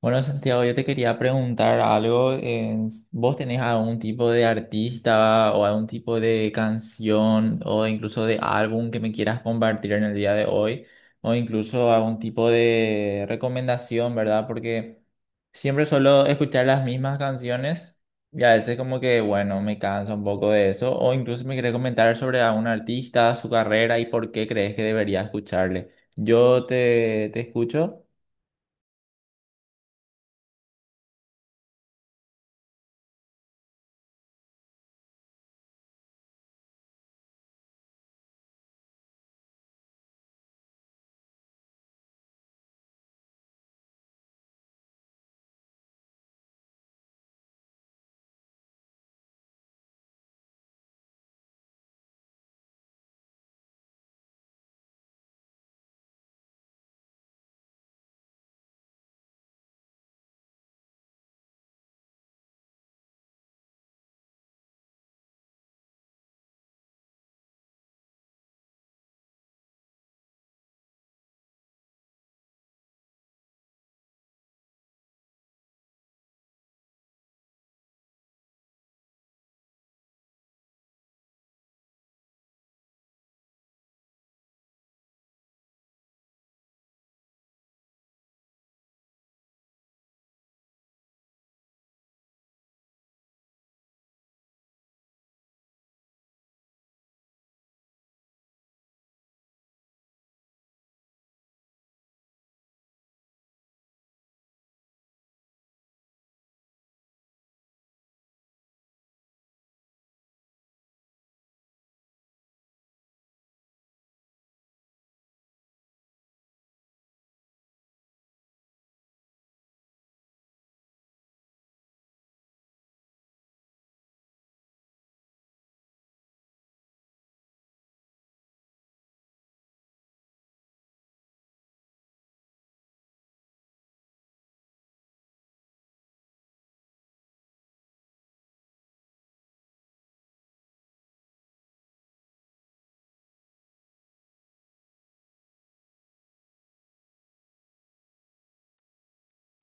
Bueno, Santiago, yo te quería preguntar algo. ¿Vos tenés algún tipo de artista o algún tipo de canción o incluso de álbum que me quieras compartir en el día de hoy? O incluso algún tipo de recomendación, ¿verdad? Porque siempre suelo escuchar las mismas canciones y a veces como que, bueno, me canso un poco de eso. O incluso me querés comentar sobre algún artista, su carrera y por qué crees que debería escucharle. Yo te escucho.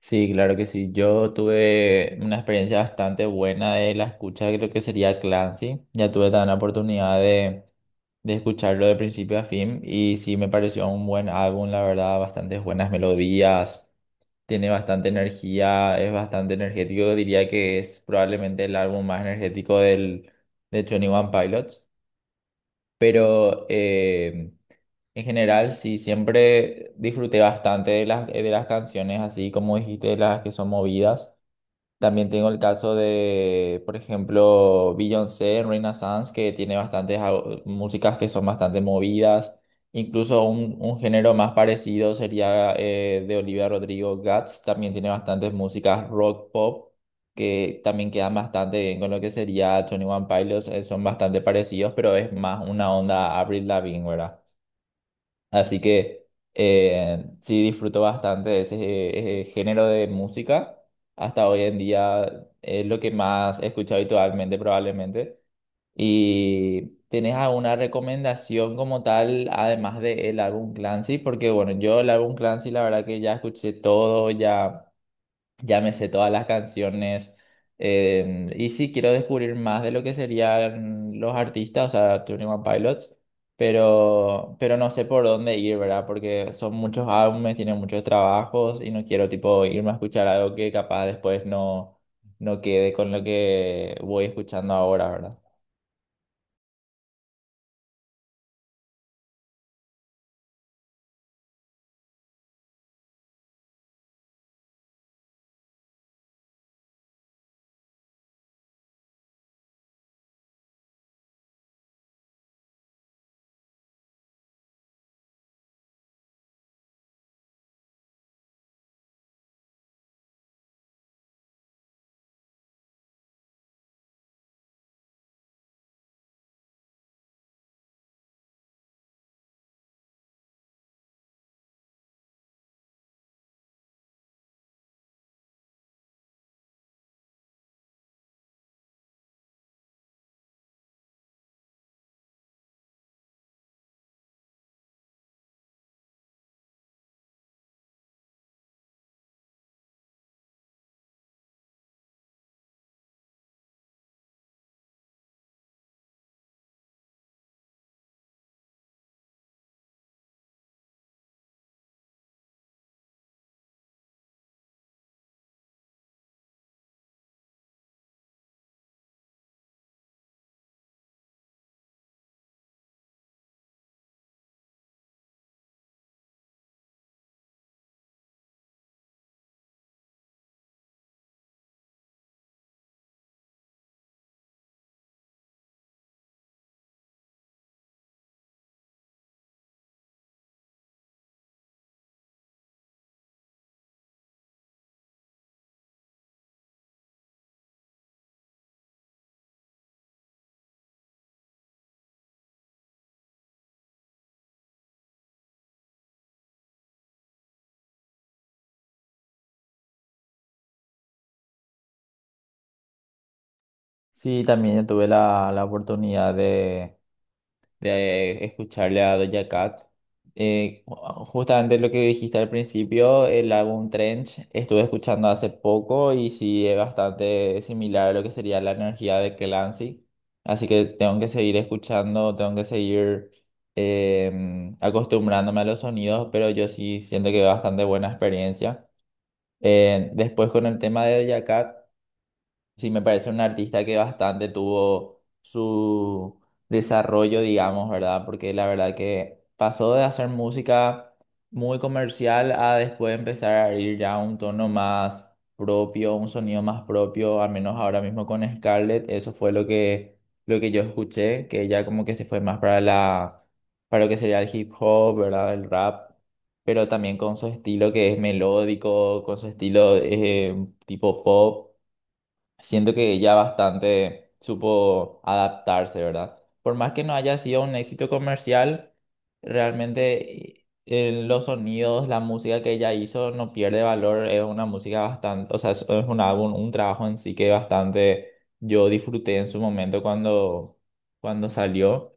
Sí, claro que sí. Yo tuve una experiencia bastante buena de la escucha de lo que sería Clancy. Ya tuve también la oportunidad de escucharlo de principio a fin y sí me pareció un buen álbum, la verdad, bastantes buenas melodías, tiene bastante energía, es bastante energético. Diría que es probablemente el álbum más energético de Twenty One Pilots, pero... en general, sí, siempre disfruté bastante de las canciones, así como dijiste, de las que son movidas. También tengo el caso de, por ejemplo, Beyoncé, Renaissance, que tiene bastantes músicas que son bastante movidas. Incluso un género más parecido sería de Olivia Rodrigo, Guts. También tiene bastantes músicas rock pop que también quedan bastante bien con lo que sería Tony One Pilots. Son bastante parecidos, pero es más una onda Avril Lavigne, ¿verdad? Así que sí disfruto bastante de ese, género de música. Hasta hoy en día es lo que más he escuchado habitualmente probablemente. ¿Y tenés alguna recomendación como tal, además del álbum Clancy? Porque bueno, yo el álbum Clancy la verdad que ya escuché todo, ya... Ya me sé todas las canciones. Y sí, quiero descubrir más de lo que serían los artistas, o sea, 21 Pilots, pero no sé por dónde ir, ¿verdad? Porque son muchos álbumes, tienen muchos trabajos y no quiero, tipo, irme a escuchar algo que capaz después no quede con lo que voy escuchando ahora, ¿verdad? Sí, también yo tuve la oportunidad de escucharle a Doja Cat. Eh, Justamente lo que dijiste al principio, el álbum Trench, estuve escuchando hace poco y sí es bastante similar a lo que sería la energía de Clancy. Así que tengo que seguir escuchando, tengo que seguir acostumbrándome a los sonidos, pero yo sí siento que es bastante buena experiencia. Después con el tema de Doja Cat. Sí, me parece un artista que bastante tuvo su desarrollo, digamos, ¿verdad? Porque la verdad que pasó de hacer música muy comercial a después empezar a ir ya a un tono más propio, un sonido más propio, al menos ahora mismo con Scarlett, eso fue lo que yo escuché, que ella como que se fue más para la, para lo que sería el hip hop, ¿verdad? El rap pero también con su estilo que es melódico, con su estilo tipo pop. Siento que ella bastante supo adaptarse, ¿verdad? Por más que no haya sido un éxito comercial, realmente los sonidos, la música que ella hizo no pierde valor. Es una música bastante, o sea, es un álbum, un trabajo en sí que bastante yo disfruté en su momento cuando, cuando salió.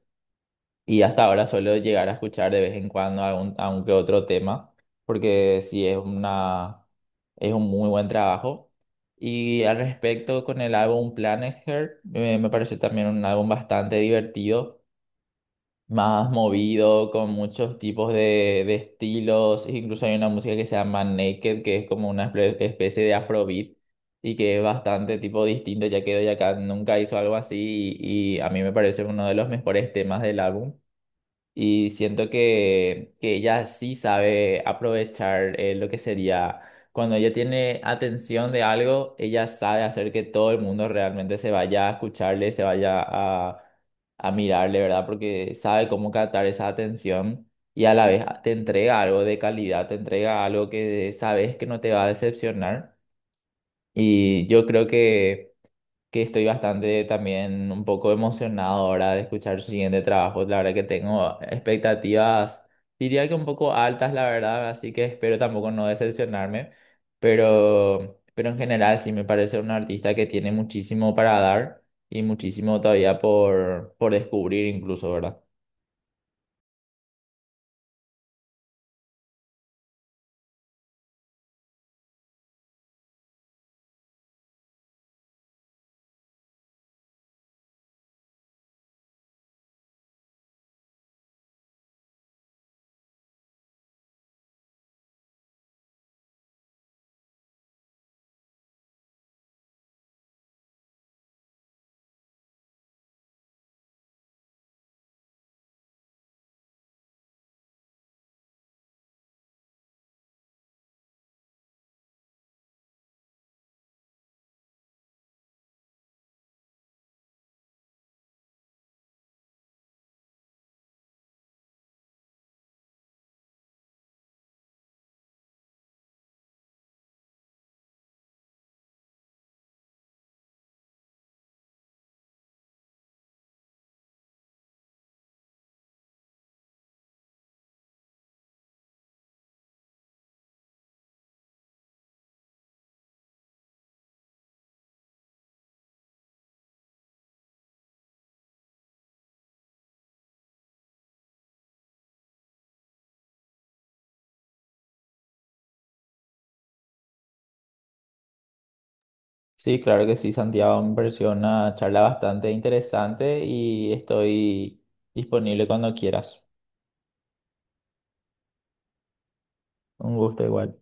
Y hasta ahora suelo llegar a escuchar de vez en cuando algún, algún que otro tema, porque sí es una, es un muy buen trabajo. Y al respecto con el álbum Planet Her, me pareció también un álbum bastante divertido, más movido, con muchos tipos de estilos. Incluso hay una música que se llama Naked, que es como una especie de afrobeat y que es bastante tipo distinto, ya que Doja Cat nunca hizo algo así y a mí me parece uno de los mejores temas del álbum. Y siento que ella sí sabe aprovechar lo que sería, cuando ella tiene atención de algo, ella sabe hacer que todo el mundo realmente se vaya a escucharle, se vaya a mirarle, ¿verdad? Porque sabe cómo captar esa atención y a la vez te entrega algo de calidad, te entrega algo que sabes que no te va a decepcionar. Y yo creo que estoy bastante también un poco emocionado ahora de escuchar su siguiente trabajo. La verdad que tengo expectativas, diría que un poco altas, la verdad, así que espero tampoco no decepcionarme, pero en general sí me parece un artista que tiene muchísimo para dar y muchísimo todavía por descubrir incluso, ¿verdad? Sí, claro que sí, Santiago, me pareció una charla bastante interesante y estoy disponible cuando quieras. Un gusto igual.